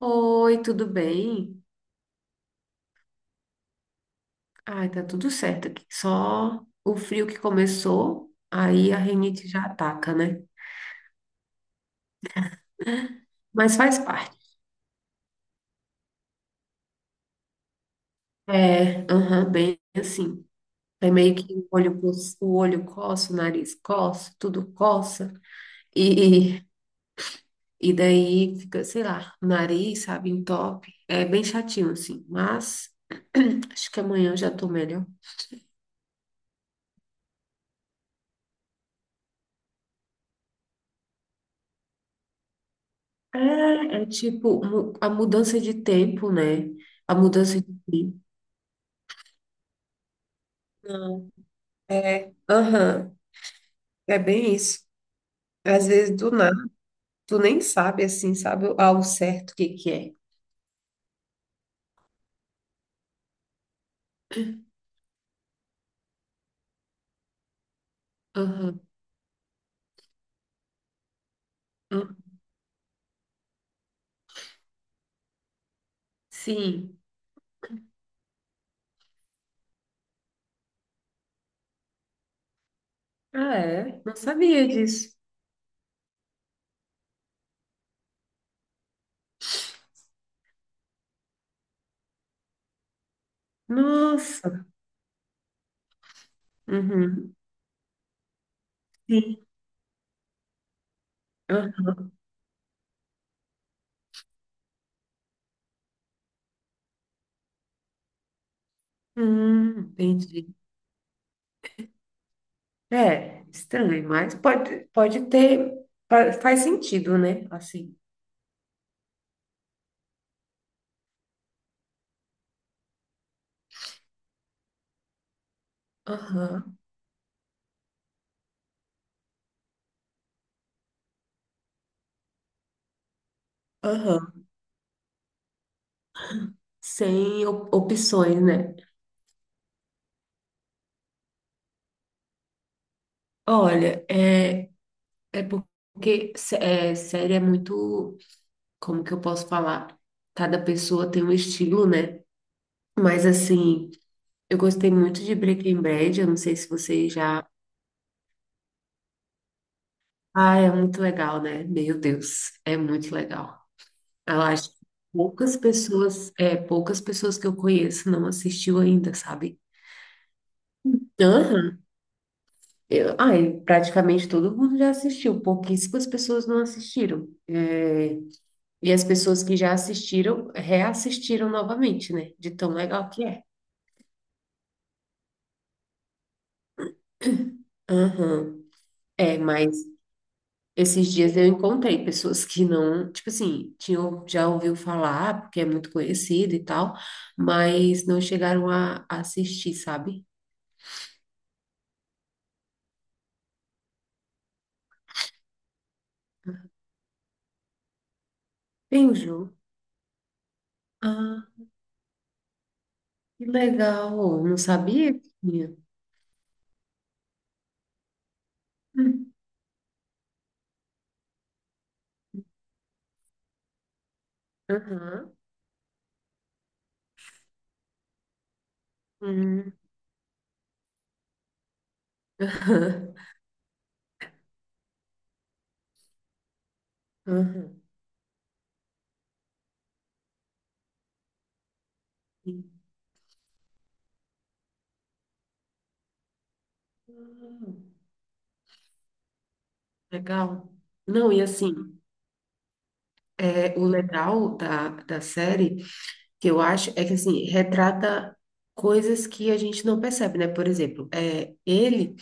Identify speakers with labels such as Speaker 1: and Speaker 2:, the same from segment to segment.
Speaker 1: Oi, tudo bem? Ai, tá tudo certo aqui. Só o frio que começou, aí a rinite já ataca, né? Mas faz parte. É, aham, bem assim. É meio que o olho, o olho coça, o nariz coça, tudo coça. E, e daí fica, sei lá, o nariz, sabe, entope. É bem chatinho, assim. Mas acho que amanhã eu já tô melhor. É, é tipo a mudança de tempo, né? A mudança de tempo. É, aham, é bem isso. Às vezes do nada, tu nem sabe assim, sabe ao certo o que que é. Aham, hum, sim. Ah, é? Não sabia disso. Nossa. Uhum. Sim. Aham. Entendi. É, estranho, mas pode ter, faz sentido, né? Assim. Aham, aham. Sem opções, né? Olha, é, é porque sé- é, série é muito. Como que eu posso falar? Cada pessoa tem um estilo, né? Mas assim, eu gostei muito de Breaking Bad, eu não sei se vocês já. Ah, é muito legal, né? Meu Deus, é muito legal. Eu acho que poucas pessoas, é, poucas pessoas que eu conheço não assistiu ainda, sabe? Aham. Eu, ai, praticamente todo mundo já assistiu, pouquíssimas pessoas não assistiram. É, e as pessoas que já assistiram, reassistiram novamente, né? De tão legal que é. Aham. É, mas esses dias eu encontrei pessoas que não, tipo assim, tinham, já ouviu falar, porque é muito conhecido e tal, mas não chegaram a assistir, sabe? Tem, ah, que legal. Não sabia que tinha. Hum. Aham. Hum. Aham. Aham. Hum. Legal. Não, e assim, é, o legal da série, que eu acho, é que assim, retrata coisas que a gente não percebe, né? Por exemplo, é, ele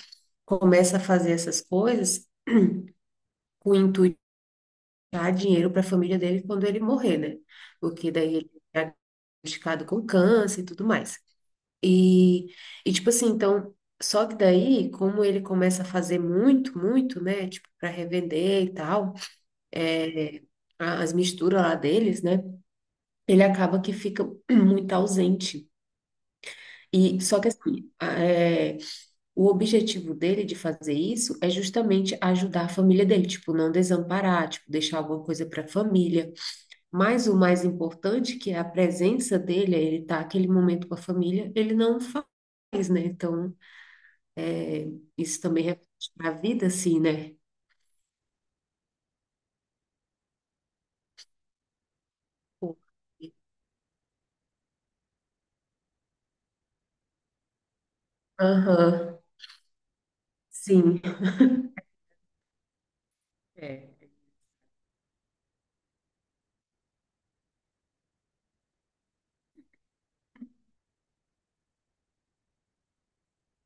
Speaker 1: começa a fazer essas coisas com o intuito de dar dinheiro para a família dele quando ele morrer, né? Porque daí ele é diagnosticado com câncer e tudo mais. E, e tipo assim, então, só que daí, como ele começa a fazer muito, muito, né? Tipo, para revender e tal, é, as misturas lá deles, né? Ele acaba que fica muito ausente. E só que assim, o objetivo dele de fazer isso é justamente ajudar a família dele, tipo, não desamparar, tipo, deixar alguma coisa para a família. Mas o mais importante, que é a presença dele, é ele tá aquele momento com a família, ele não faz, né? Então, isso também reflete para a vida, assim, né? Aham, sim. É.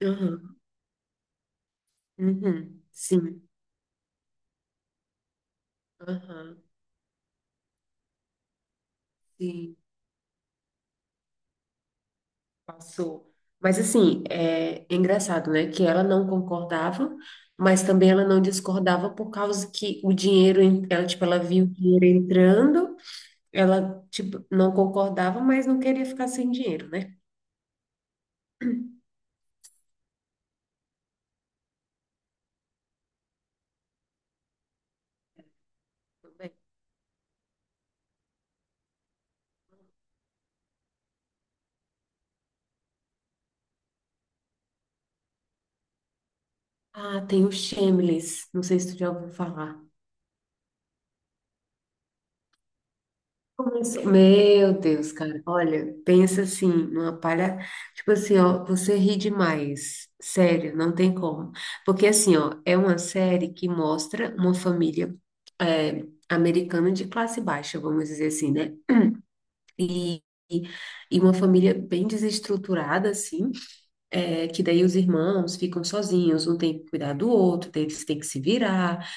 Speaker 1: Aham, uhum, sim. Aham, sim. Passou. Mas assim, é, é engraçado, né? Que ela não concordava, mas também ela não discordava por causa que o dinheiro, ela, tipo, ela viu o dinheiro entrando, ela, tipo, não concordava, mas não queria ficar sem dinheiro, né? Tudo bem. Ah, tem o Shameless, não sei se tu já ouviu falar. Começou. Meu Deus, cara, olha, pensa assim, numa palha, tipo assim, ó, você ri demais, sério, não tem como, porque assim, ó, é uma série que mostra uma família é, americana de classe baixa, vamos dizer assim, né, e, e e uma família bem desestruturada, assim, é, que daí os irmãos ficam sozinhos, um tem que cuidar do outro, daí eles têm que se virar,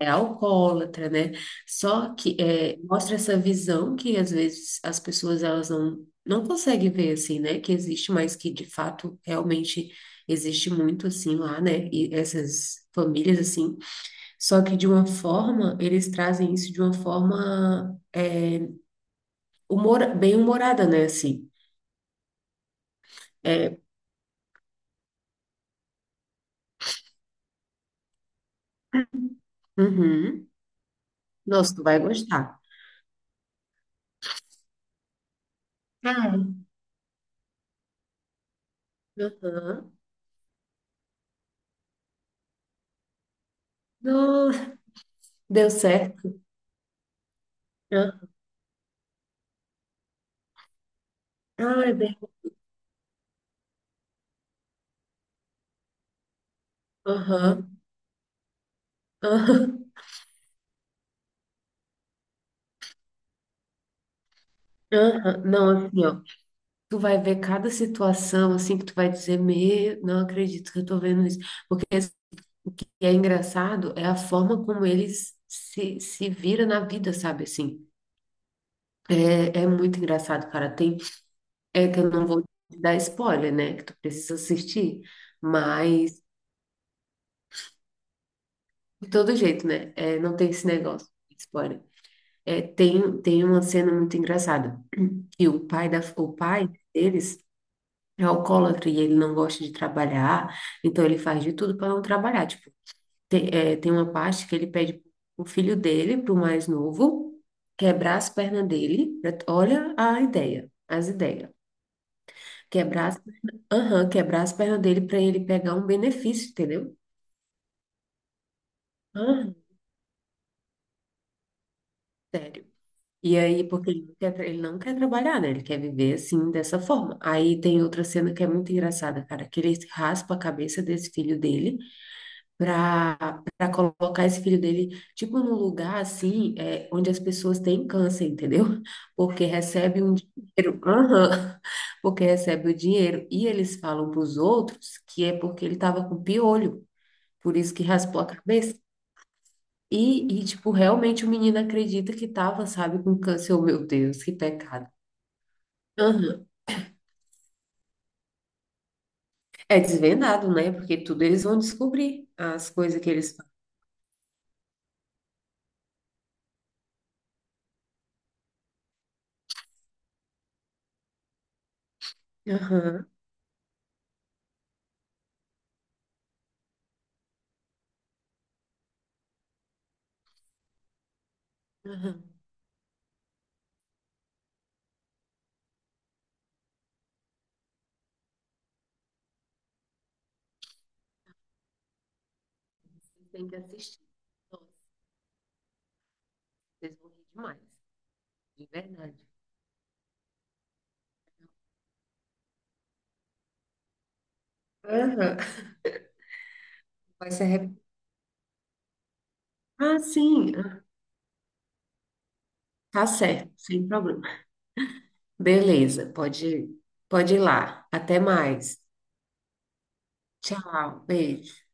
Speaker 1: é alcoólatra, né? Só que é, mostra essa visão que às vezes as pessoas elas não, não conseguem ver assim, né? Que existe, mas que de fato realmente existe muito assim lá, né? E essas famílias assim. Só que de uma forma, eles trazem isso de uma forma humor, bem humorada, né? Assim. É, uhum. Nossa, tu vai gostar. Ah, uhum. Nossa, deu certo. Ah, ah, é aham, aham, aham. Não, assim, ó. Tu vai ver cada situação assim que tu vai dizer, meu, não acredito que eu tô vendo isso. Porque assim, é engraçado, é a forma como eles se vira na vida, sabe assim? É, é muito engraçado, cara. Tem, é que eu não vou te dar spoiler, né? Que tu precisa assistir, mas de todo jeito, né? É, não tem esse negócio de spoiler. É, tem uma cena muito engraçada, que o pai deles é alcoólatra e ele não gosta de trabalhar. Então ele faz de tudo para não trabalhar, tipo, tem, é, tem uma parte que ele pede o filho dele, para o mais novo, quebrar as pernas dele. Olha a ideia, as ideias. Quebrar as, aham, quebrar as pernas dele para ele pegar um benefício, entendeu? Aham, sério. E aí, porque ele não quer, ele não quer trabalhar, né? Ele quer viver assim, dessa forma. Aí tem outra cena que é muito engraçada, cara, que ele raspa a cabeça desse filho dele. Para colocar esse filho dele, tipo, num lugar assim, é, onde as pessoas têm câncer, entendeu? Porque recebe um dinheiro, aham, porque recebe o dinheiro e eles falam para os outros que é porque ele estava com piolho, por isso que raspou a cabeça. Tipo, realmente o menino acredita que tava, sabe, com câncer. Oh, meu Deus, que pecado. Aham. É desvendado, né? Porque tudo eles vão descobrir as coisas que eles fazem. Aham. Aham. Tem que assistir. Vocês vão rir demais, de verdade. Aham. Vai se arrep... Ah, sim. Ah, tá certo, sem problema. Beleza, pode ir lá. Até mais. Tchau, beijo.